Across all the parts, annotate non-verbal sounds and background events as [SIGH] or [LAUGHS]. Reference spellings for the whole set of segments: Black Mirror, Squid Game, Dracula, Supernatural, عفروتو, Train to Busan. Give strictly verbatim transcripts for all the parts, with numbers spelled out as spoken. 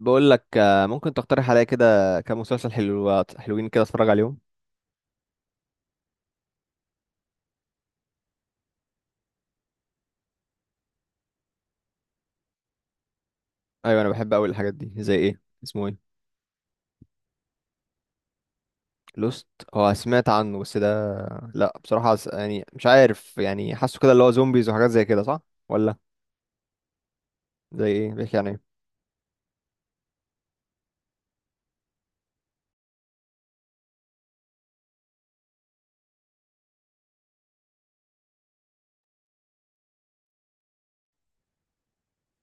بقول لك، آه، ممكن تقترح عليا كده كام مسلسل حلو حلوين كده اتفرج عليهم؟ ايوه، انا بحب قوي الحاجات دي. زي ايه؟ اسمه ايه؟ لوست؟ هو سمعت عنه بس ده... لا بصراحة، س- يعني مش عارف، يعني حاسه كده اللي هو زومبيز وحاجات زي كده، صح ولا؟ زي ايه؟ بيحكي عن ايه؟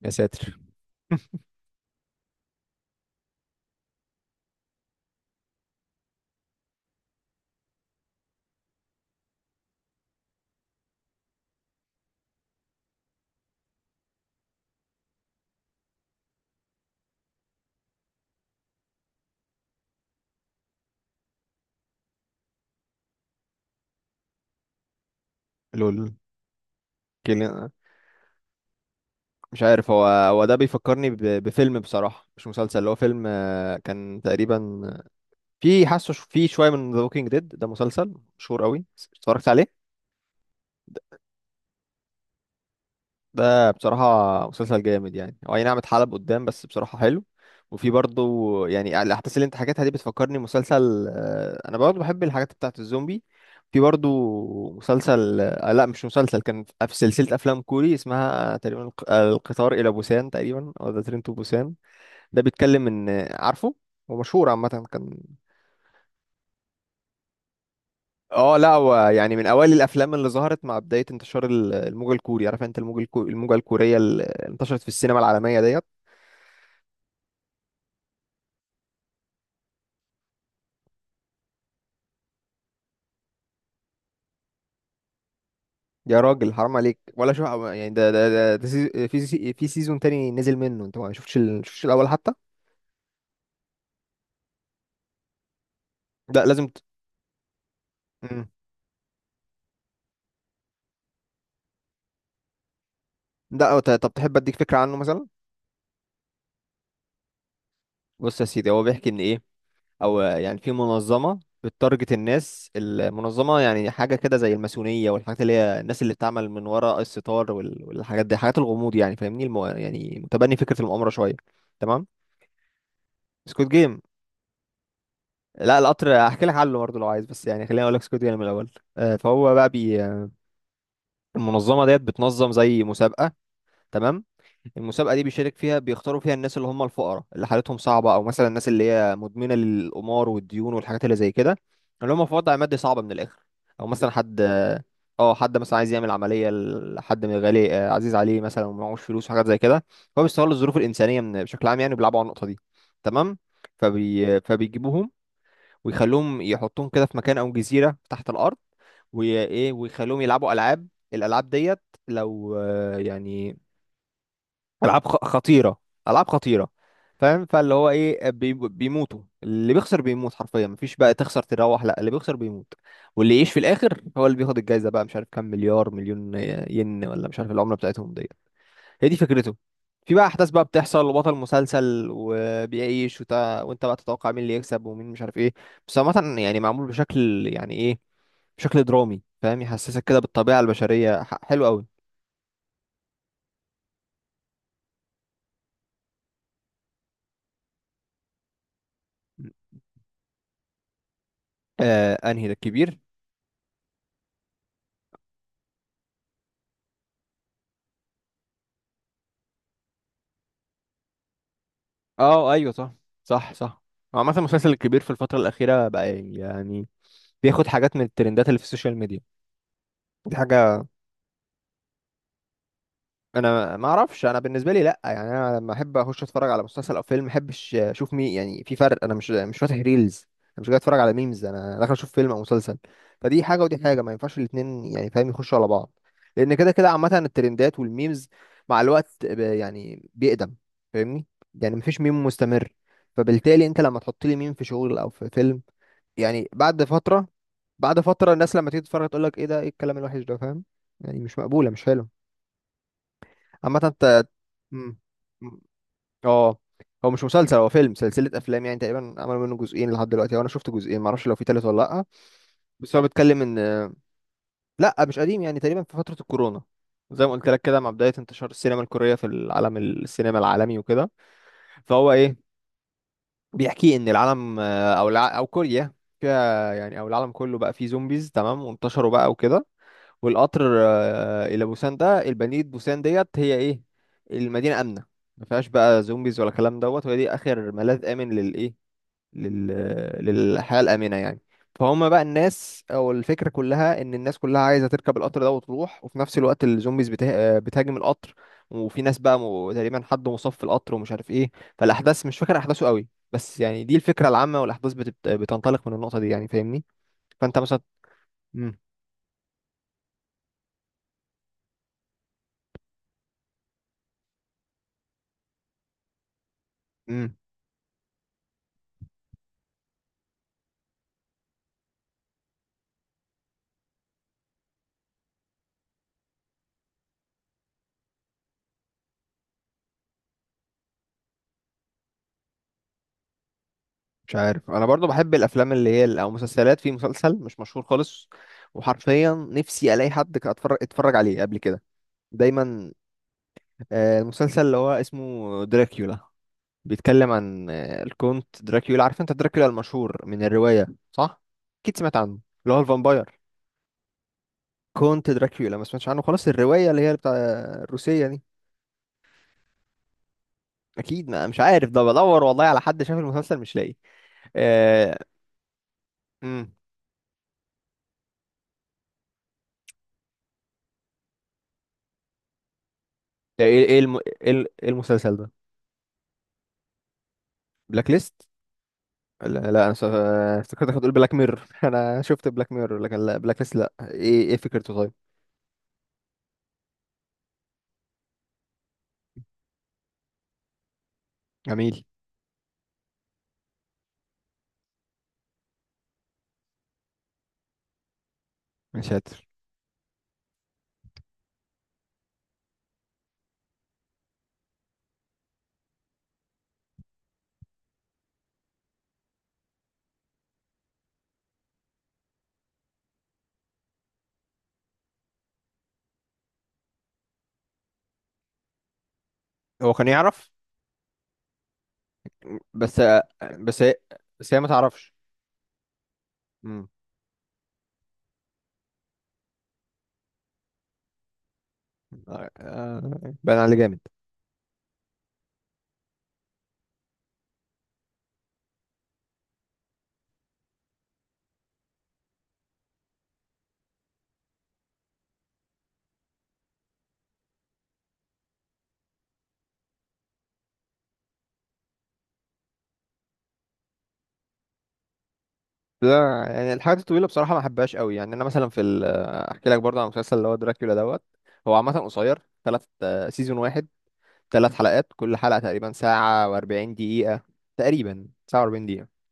يا ساتر. لول. كيلي. مش عارف، هو هو ده بيفكرني ب... بفيلم بصراحة، مش مسلسل، اللي هو فيلم. آه، كان تقريبا آه، في حاسه ش- في شوية من ذا ووكينج ديد. ده مسلسل مشهور قوي، اتفرجت عليه. ده بصراحة مسلسل جامد، يعني هو اي نعم اتحلب قدام، بس بصراحة حلو. وفي برضه، يعني الأحداث اللي أنت حكيتها دي بتفكرني مسلسل، آه، أنا برضه بحب الحاجات بتاعة الزومبي. في برضه مسلسل، آه، لا مش مسلسل، كان في سلسلة أفلام كوري اسمها تقريبا الق- القطار إلى بوسان، تقريبا، أو ذا ترين تو بوسان. ده بيتكلم إن آه، عارفه، هو مشهور عامة كان. اه لا، هو يعني من أوائل الأفلام اللي ظهرت مع بداية انتشار ال- الموجة الكوري. عارف أنت الموجة الكو- الموجة الكورية اللي انتشرت في السينما العالمية ديت. يا راجل، حرام عليك! ولا شو يعني؟ ده ده ده, ده سيز- في سي- في سيزون تاني نزل منه، انت ما شفتش ال... شفتش الاول حتى؟ لا، لازم ت... مم. لا، ت- طب تحب اديك فكره عنه مثلا؟ بص يا سيدي، هو بيحكي ان ايه، او يعني في منظمه بتارجت الناس. المنظمه يعني حاجه كده زي الماسونيه، والحاجات اللي هي الناس اللي بتعمل من وراء الستار وال... والحاجات دي، حاجات الغموض، يعني فاهمني المو... يعني متبني فكره المؤامره شويه. تمام. سكوت جيم. لا، القطر هحكي لك عنه برضه لو عايز، بس يعني خليني اقول لك سكوت جيم الاول. آه، فهو بقى بي المنظمة ديت بتنظم زي مسابقة. تمام. المسابقة دي بيشارك فيها، بيختاروا فيها الناس اللي هم الفقراء اللي حالتهم صعبة، أو مثلا الناس اللي هي مدمنة للقمار والديون والحاجات اللي زي كده، اللي هم في وضع مادي صعب من الآخر. أو مثلا حد... اه، حد مثلا عايز يعمل عملية لحد من غالي، آه، عزيز عليه مثلا، ومعهوش فلوس وحاجات زي كده. هو بيستغل الظروف الإنسانية من بشكل عام، يعني بيلعبوا على النقطة دي. تمام. فبي... فبيجيبوهم ويخلوهم، يحطوهم كده في مكان أو جزيرة تحت الأرض، وايه، ويخلوهم يلعبوا العاب. الالعاب ديت لو آه، يعني العاب خ- خطيره، العاب خطيره، فاهم، فاللي هو ايه، بي- بيموتوا. اللي بيخسر بيموت حرفيا، مفيش بقى تخسر تروح، لا، اللي بيخسر بيموت. واللي يعيش في الاخر هو اللي بياخد الجايزه بقى، مش عارف كام مليار مليون ين، ولا مش عارف العمله بتاعتهم دي. هي دي فكرته. في بقى احداث بقى بتحصل، وبطل مسلسل وبيعيش، وت... وانت بقى تتوقع مين اللي يكسب، ومين مش عارف ايه. بس عامه يعني معمول بشكل يعني ايه، بشكل درامي، فاهم، يحسسك كده بالطبيعه البشريه. ح- حلو قوي. آه انهي ده؟ الكبير؟ اه ايوه، صح، صح، صح. هو عامه المسلسل الكبير في الفتره الاخيره بقى يعني بياخد حاجات من الترندات اللي في السوشيال ميديا. دي حاجه، انا ما اعرفش، انا بالنسبه لي لا، يعني انا لما احب اخش اتفرج على مسلسل او فيلم ما احبش اشوف مين، يعني في فرق. انا مش مش فاتح ريلز، انا مش جاي اتفرج على ميمز، انا داخل اشوف فيلم او مسلسل. فدي حاجه ودي حاجه، ما ينفعش الاتنين يعني فاهم، يخشوا على بعض. لان كده كده عامه الترندات والميمز مع الوقت ب- يعني بيقدم فاهمني، يعني مفيش ميم مستمر. فبالتالي انت لما تحط لي ميم في شغل او في فيلم، يعني بعد فتره، بعد فتره الناس لما تيجي تتفرج تقول لك: ايه ده؟ ايه الكلام الوحش ده؟ فاهم، يعني مش مقبوله، مش حلو. عامة انت... مم. مم. اه. هو مش مسلسل، هو فيلم، سلسلة أفلام، يعني تقريبا عملوا منه جزئين لحد دلوقتي، وأنا شفت جزئين، معرفش لو في تالت ولا لأ. بس هو بيتكلم إن... لأ مش قديم، يعني تقريبا في فترة الكورونا، زي ما قلت لك كده مع بداية انتشار السينما الكورية في العالم، السينما العالمي وكده. فهو إيه، بيحكي إن العالم، آه، أو الع... أو كوريا، فيها يعني، أو العالم كله بقى فيه زومبيز، تمام، وانتشروا بقى وكده. والقطر آه، الى بوسان ده، البنية، بوسان ديت هي ايه؟ المدينة آمنة، ما فيهاش بقى زومبيز ولا كلام دوت، وهي دي اخر ملاذ آمن للايه، لل... للحياة الآمنة يعني. فهم بقى الناس، او الفكرة كلها ان الناس كلها عايزة تركب القطر ده وتروح، وفي نفس الوقت الزومبيز بته... آه، بتهاجم القطر. وفي ناس بقى م... تقريبا حد مصاب في القطر، ومش عارف ايه. فالأحداث، مش فاكر أحداثه قوي، بس يعني دي الفكرة العامة، والأحداث بتبت... بتنطلق من النقطة دي يعني فاهمني. فأنت مثلا... مم. مم. مش عارف، انا برضو بحب الافلام اللي هي ال- او مسلسلات. في مسلسل مش مشهور خالص، وحرفيا نفسي الاقي حد كان اتفرج اتفرج عليه قبل كده، دايما. آه، المسلسل اللي هو اسمه دراكيولا، بيتكلم عن آه، الكونت دراكيولا. عارف انت دراكيولا المشهور من الرواية، صح؟ اكيد سمعت عنه، اللي هو الفامباير. كونت دراكيولا، ما سمعتش عنه خلاص، الرواية اللي هي بتاع الروسية دي. اكيد. ما مش عارف، ده بدور والله على حد شاف المسلسل مش لاقي. آه، امم ده ايه؟ ايه الم... ايه ال- إيه المسلسل ده؟ بلاك ليست. لا, لا، انا س- افتكرتك هتقول بلاك ميرور. [LAUGHS] انا شفت بلاك ميرور لكن لا، بلاك ليست لا، ايه ايه فكرته طيب؟ جميل. يا ساتر. هو كان يعرف، بس بس هي بس هي ما تعرفش. امم آه، آه، باين عليه جامد. لا يعني الحاجات الطويله بصراحه ما بحبهاش قوي، يعني انا مثلا في ال- احكي لك برضه عن المسلسل اللي هو دراكولا دوت. هو عامه قصير، ثلاث سيزون واحد، ثلاث حلقات، كل حلقه تقريبا ساعه و40 دقيقه، تقريبا ساعه و40 دقيقه.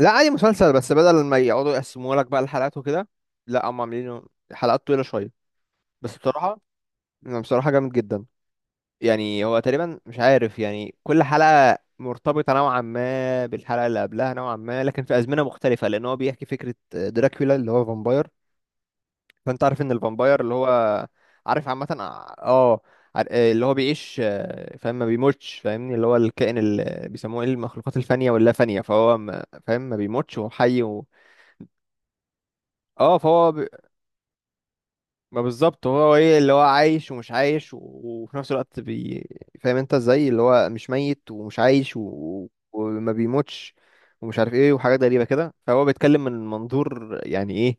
لا عادي مسلسل، بس بدل ما يقعدوا يقسموا لك بقى الحلقات وكده، لا هم عاملينه حلقات طويلة شوية، بس بصراحة أنا بصراحة جامد جدا. يعني هو تقريبا مش عارف يعني، كل حلقة مرتبطة نوعا ما بالحلقة اللي قبلها نوعا ما، لكن في أزمنة مختلفة، لأن هو بيحكي فكرة دراكولا اللي هو فامباير. فأنت عارف إن الفامباير اللي هو، عارف عامة، اه، عار- اللي هو بيعيش، آه، فاهم ما بيموتش، فاهمني، اللي هو الكائن اللي بيسموه ايه، المخلوقات الفانية واللا فانية، فهو ما- فاهم ما بيموتش وهو حي و... اه، فهو ما بالظبط، هو ايه، اللي هو عايش ومش عايش و- وفي نفس الوقت بي... فاهم انت ازاي، اللي هو مش ميت ومش عايش و... وما بيموتش، ومش عارف ايه، وحاجات غريبة كده. فهو بيتكلم من منظور يعني ايه،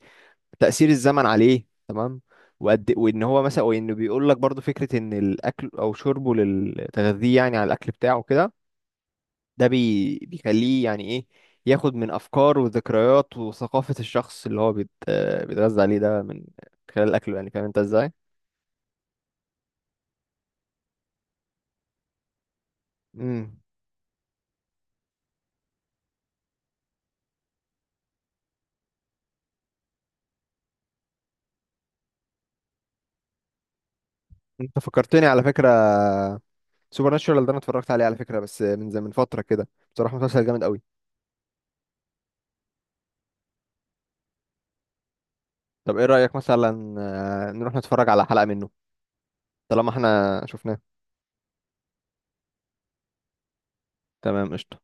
تأثير الزمن عليه، تمام. وقد إيه، وان هو مثلا وانه بيقول لك برضو فكرة ان الاكل او شربه للتغذية، يعني على الاكل بتاعه كده، ده بي... بيخليه يعني ايه، ياخد من افكار وذكريات وثقافة الشخص اللي هو بيت... آه، بيتغذى عليه، ده من خلال الاكل، يعني فاهم انت ازاي. امم انت فكرتني على فكره، سوبر ناتشورال ده انا اتفرجت عليه على فكره، بس من زمان، من فتره كده. بصراحه مسلسل جامد قوي. طب ايه رايك مثلا، آه، نروح نتفرج على حلقه منه؟ طالما احنا شفناه. تمام قشطه.